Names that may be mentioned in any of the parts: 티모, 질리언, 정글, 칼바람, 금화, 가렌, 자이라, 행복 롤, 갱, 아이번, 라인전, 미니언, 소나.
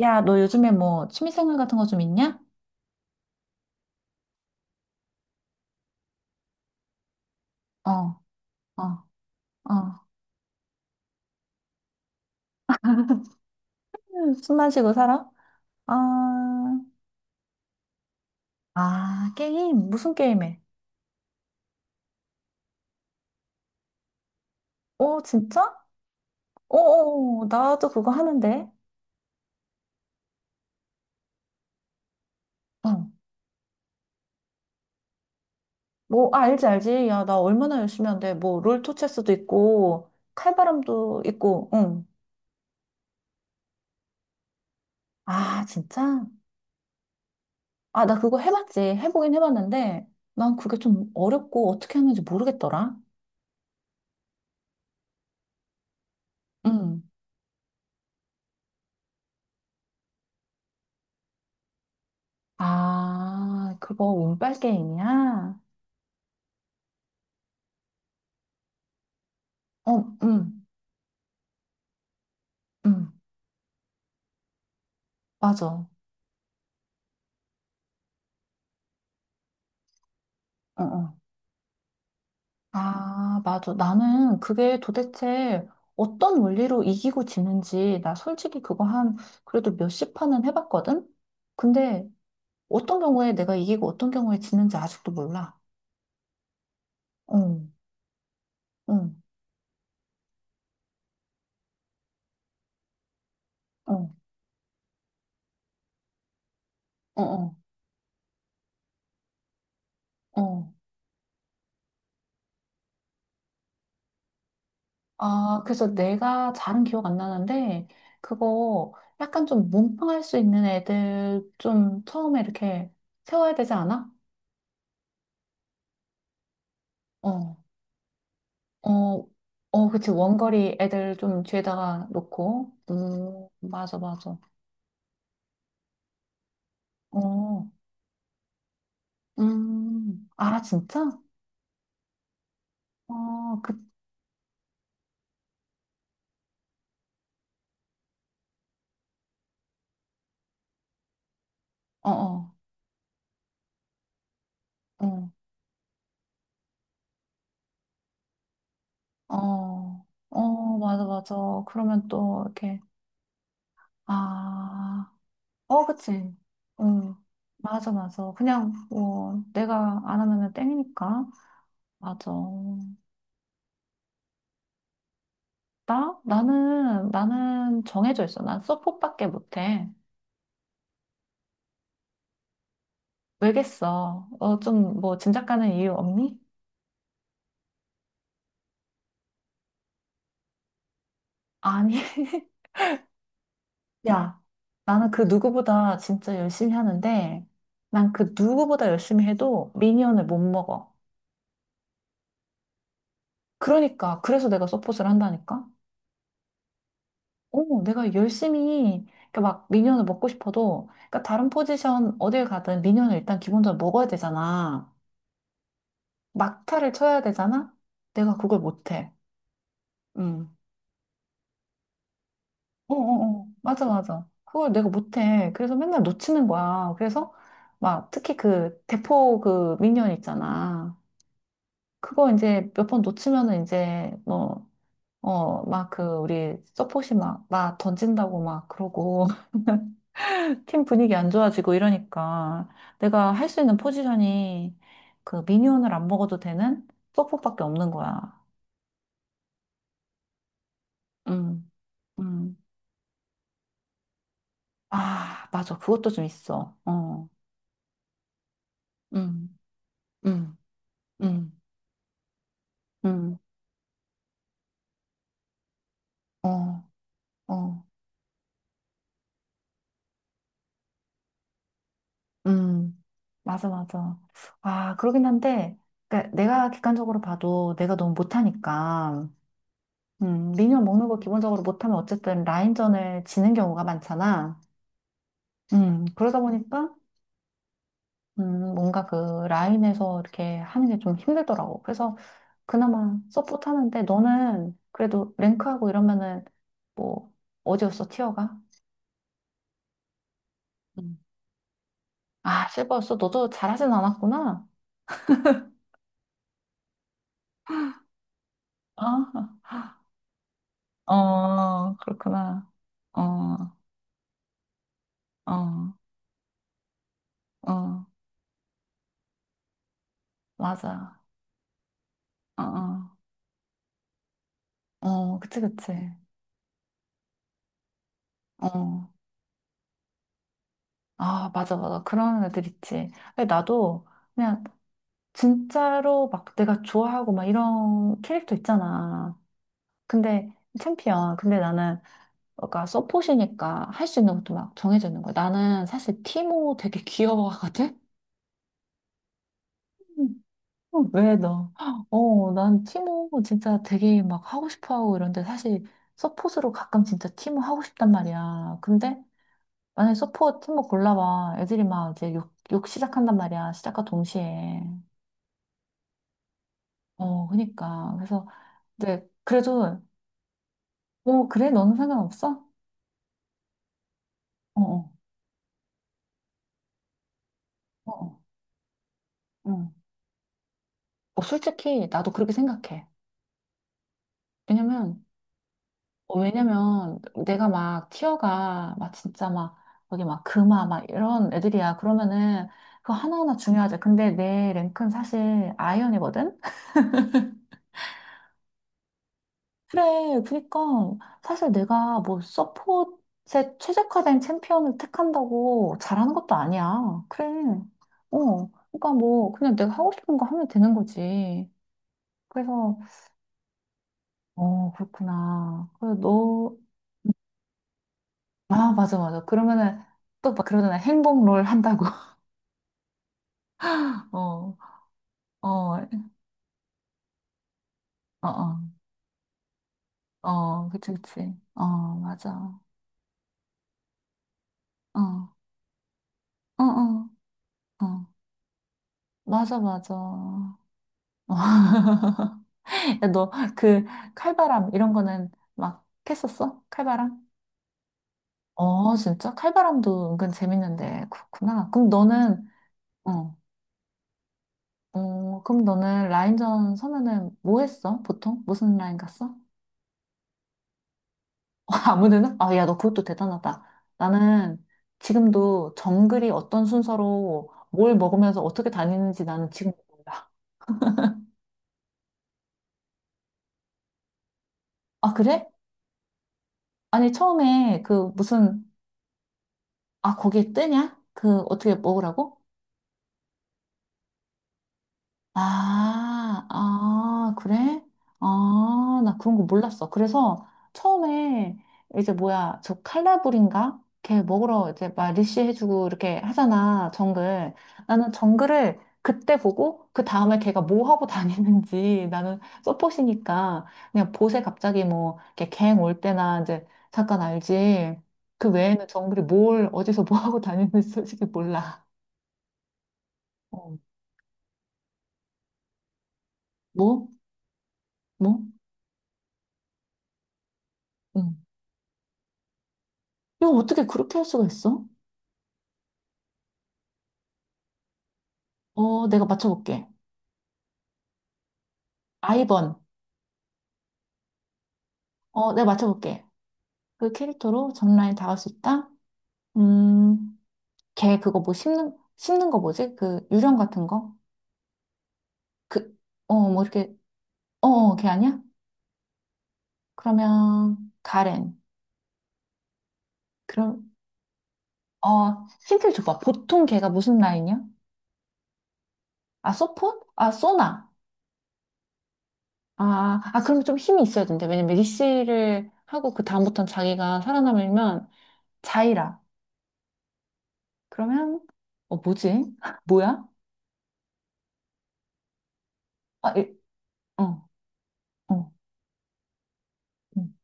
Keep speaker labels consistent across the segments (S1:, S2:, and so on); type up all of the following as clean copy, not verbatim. S1: 야, 너 요즘에 뭐 취미생활 같은 거 좀 있냐? 어, 어, 어. 숨 마시고 살아? 아, 아, 게임. 무슨 게임해? 어, 진짜? 어, 어, 어, 나도 그거 하는데. 어. 뭐, 아, 알지, 알지. 야, 나 얼마나 열심히 하는데. 뭐, 롤토체스도 있고, 칼바람도 있고, 응. 아, 진짜? 아, 나 그거 해봤지. 해보긴 해봤는데, 난 그게 좀 어렵고 어떻게 하는지 모르겠더라. 응. 아, 그거 운빨 게임이야? 어, 응, 응, 맞아. 어, 어, 아, 맞아. 나는 그게 도대체 어떤 원리로 이기고 지는지, 나 솔직히 그거 한, 그래도 몇십 판은 해봤거든? 근데 어떤 경우에 내가 이기고 어떤 경우에 지는지 아직도 몰라. 응, 응, 응. 어, 어, 어. 어. 아, 그래서 내가 잘은 기억 안 나는데, 그거 약간 좀 몸빵할 수 있는 애들 좀 처음에 이렇게 세워야 되지 않아? 어, 어, 어, 그치. 원거리 애들 좀 뒤에다가 놓고. 맞아, 맞아. 어, 아, 진짜? 어, 그, 어, 어, 어, 어, 어, 맞아, 맞아. 그러면 또 이렇게, 아, 어, 그치. 응. 맞아, 맞아. 그냥, 뭐, 내가 안 하면은 땡이니까. 맞아. 나? 나는 정해져 있어. 난 서폿밖에 못해. 왜겠어? 어, 좀, 뭐, 짐작 가는 이유 없니? 아니, 야, 나는 그 누구보다 진짜 열심히 하는데, 난 그 누구보다 열심히 해도 미니언을 못 먹어. 그러니까, 그래서 내가 서폿을 한다니까? 어, 내가 열심히, 그러니까 막 미니언을 먹고 싶어도, 그러니까 다른 포지션 어딜 가든 미니언을 일단 기본적으로 먹어야 되잖아. 막타를 쳐야 되잖아? 내가 그걸 못해. 어, 어, 어. 맞아, 맞아. 그걸 내가 못해. 그래서 맨날 놓치는 거야. 그래서 막 특히 그 대포 그 미니언 있잖아. 그거 이제 몇 번 놓치면은 이제 뭐, 어, 막 그 우리 서폿이 막, 막 던진다고 막 그러고 팀 분위기 안 좋아지고 이러니까 내가 할 수 있는 포지션이 그 미니언을 안 먹어도 되는 서폿밖에 없는 거야. 음, 음. 아, 맞아. 그것도 좀 있어. 어, 음, 음, 음. 음. 어, 어, 음, 맞아, 맞아. 아, 그러긴 한데, 그러니까 내가 객관적으로 봐도 내가 너무 못하니까, 미니언 먹는 거 기본적으로 못하면 어쨌든 라인전을 지는 경우가 많잖아. 그러다 보니까, 뭔가 그 라인에서 이렇게 하는 게 좀 힘들더라고. 그래서 그나마 서포트 하는데, 너는 그래도 랭크하고 이러면은, 뭐, 어디였어, 티어가? 음. 아, 실버였어? 너도 잘하진 않았구나. 아, 어, 그렇구나. 어, 어, 어, 맞아. 어, 어, 어, 그치, 그치. 어, 아, 맞아, 맞아. 그런 애들 있지. 근데 나도 그냥 진짜로 막 내가 좋아하고 막 이런 캐릭터 있잖아. 근데 챔피언. 근데 나는 그러니까 서폿이니까 할 수 있는 것도 막 정해져 있는 거야. 나는 사실 티모 되게 귀여워하거든? 어, 왜 너? 어, 난 티모 진짜 되게 막 하고 싶어 하고 이런데 사실 서폿으로 가끔 진짜 티모 하고 싶단 말이야. 근데 만약에 서폿 티모 골라봐. 애들이 막 이제 욕 시작한단 말이야. 시작과 동시에. 어, 그니까. 그래서 이제 그래도 어, 그래? 너는 상관없어? 어, 어, 어, 어. 어, 어, 솔직히 나도 그렇게 생각해. 왜냐면 어, 왜냐면 내가 막 티어가 막 진짜 막 여기 막 금화 막 이런 애들이야. 그러면은 그거 하나하나 중요하지. 근데 내 랭크는 사실 아이언이거든? 그래, 그니까 사실 내가 뭐 서폿에 최적화된 챔피언을 택한다고 잘하는 것도 아니야. 그래. 어, 그러니까 뭐 그냥 내가 하고 싶은 거 하면 되는 거지. 그래서 어, 그렇구나. 그래, 너, 아, 맞아, 맞아. 그러면은 또 막 그러잖아. 행복 롤 한다고. 어. 어, 어, 어, 어, 그치, 그치. 어, 맞아. 어, 어, 어, 어. 맞아, 맞아. 야, 너, 그, 칼바람, 이런 거는 막 했었어? 칼바람? 어, 진짜? 칼바람도 은근 재밌는데, 그렇구나. 그럼 너는, 어, 어, 그럼 너는 라인전 서면은 뭐 했어? 보통? 무슨 라인 갔어? 아무데나? 아, 야, 너 그것도 대단하다. 나는 지금도 정글이 어떤 순서로 뭘 먹으면서 어떻게 다니는지 나는 지금 몰라. 아, 그래? 아니, 처음에 그 무슨, 아, 거기에 뜨냐? 그 어떻게 먹으라고? 아, 아, 그래? 아, 나 그런 거 몰랐어. 그래서 처음에 이제 뭐야, 저 칼라불인가? 걔 먹으러 이제 막 리쉬해주고 이렇게 하잖아, 정글. 나는 정글을 그때 보고 그 다음에 걔가 뭐 하고 다니는지 나는 서폿이니까 그냥 보세 갑자기 뭐 걔 갱 올 때나 이제 잠깐 알지. 그 외에는 정글이 뭘 어디서 뭐 하고 다니는지 솔직히 몰라. 어, 뭐? 뭐? 이거 어떻게 그렇게 할 수가 있어? 어, 내가 맞춰볼게. 아이번. 어, 내가 맞춰볼게. 그 캐릭터로 전라인 닿을 수 있다? 음, 걔 그거 뭐 씹는 거 뭐지? 그 유령 같은 거? 그, 어, 뭐 이렇게, 어, 어, 걔 아니야? 그러면, 가렌. 그럼, 어, 힌트를 줘봐. 보통 걔가 무슨 라인이야? 아, 소폰? 아, 소나. 아, 아, 그럼 좀 힘이 있어야 된대. 왜냐면 리시를 하고 그 다음부터는 자기가 살아남으면 자이라. 그러면 어, 뭐지? 뭐야? 아, 이-, 어, 어, 음.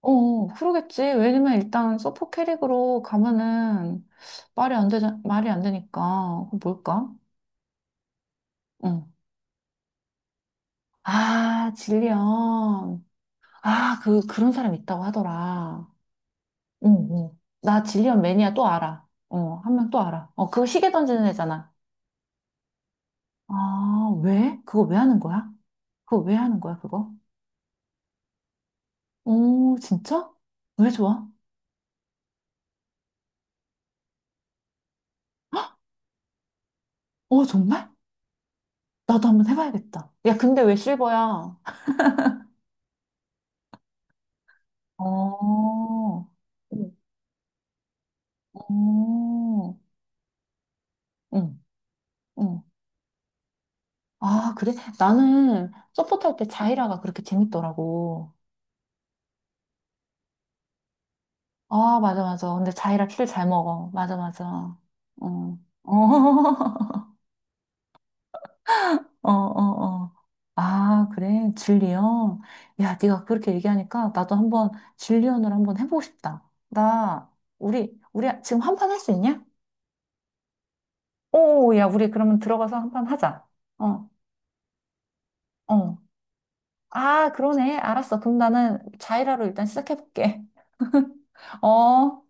S1: 어, 어, 그러겠지. 왜냐면 일단 서포 캐릭으로 가면은 말이 안 되자, 말이 안 되니까. 그 뭘까? 어. 아, 질리언. 아, 그, 그런 사람 있다고 하더라. 응, 응. 나 질리언 매니아 또 알아. 어, 한 명 또 알아. 어, 그거 시계 던지는 애잖아. 아, 왜? 그거 왜 하는 거야? 그거 왜 하는 거야, 그거? 오, 진짜? 왜 좋아? 어, 정말? 나도 한번 해봐야겠다. 야, 근데 왜 실버야? 어, 음. 어, 응, 응. 아, 그래? 나는 서포트 할 때 자이라가 그렇게 재밌더라고. 아, 맞아, 맞아. 근데 자이라 킬 잘 먹어. 맞아, 맞아. 어, 어, 어, 어, 어. 아, 그래. 질리언. 야, 네가 그렇게 얘기하니까 나도 한번 질리언을 한번 해보고 싶다. 나, 우리, 우리 지금 한판 할 수 있냐? 오, 야, 우리 그러면 들어가서 한판 하자. 어, 어. 아, 그러네. 알았어. 그럼 나는 자이라로 일단 시작해볼게. 어.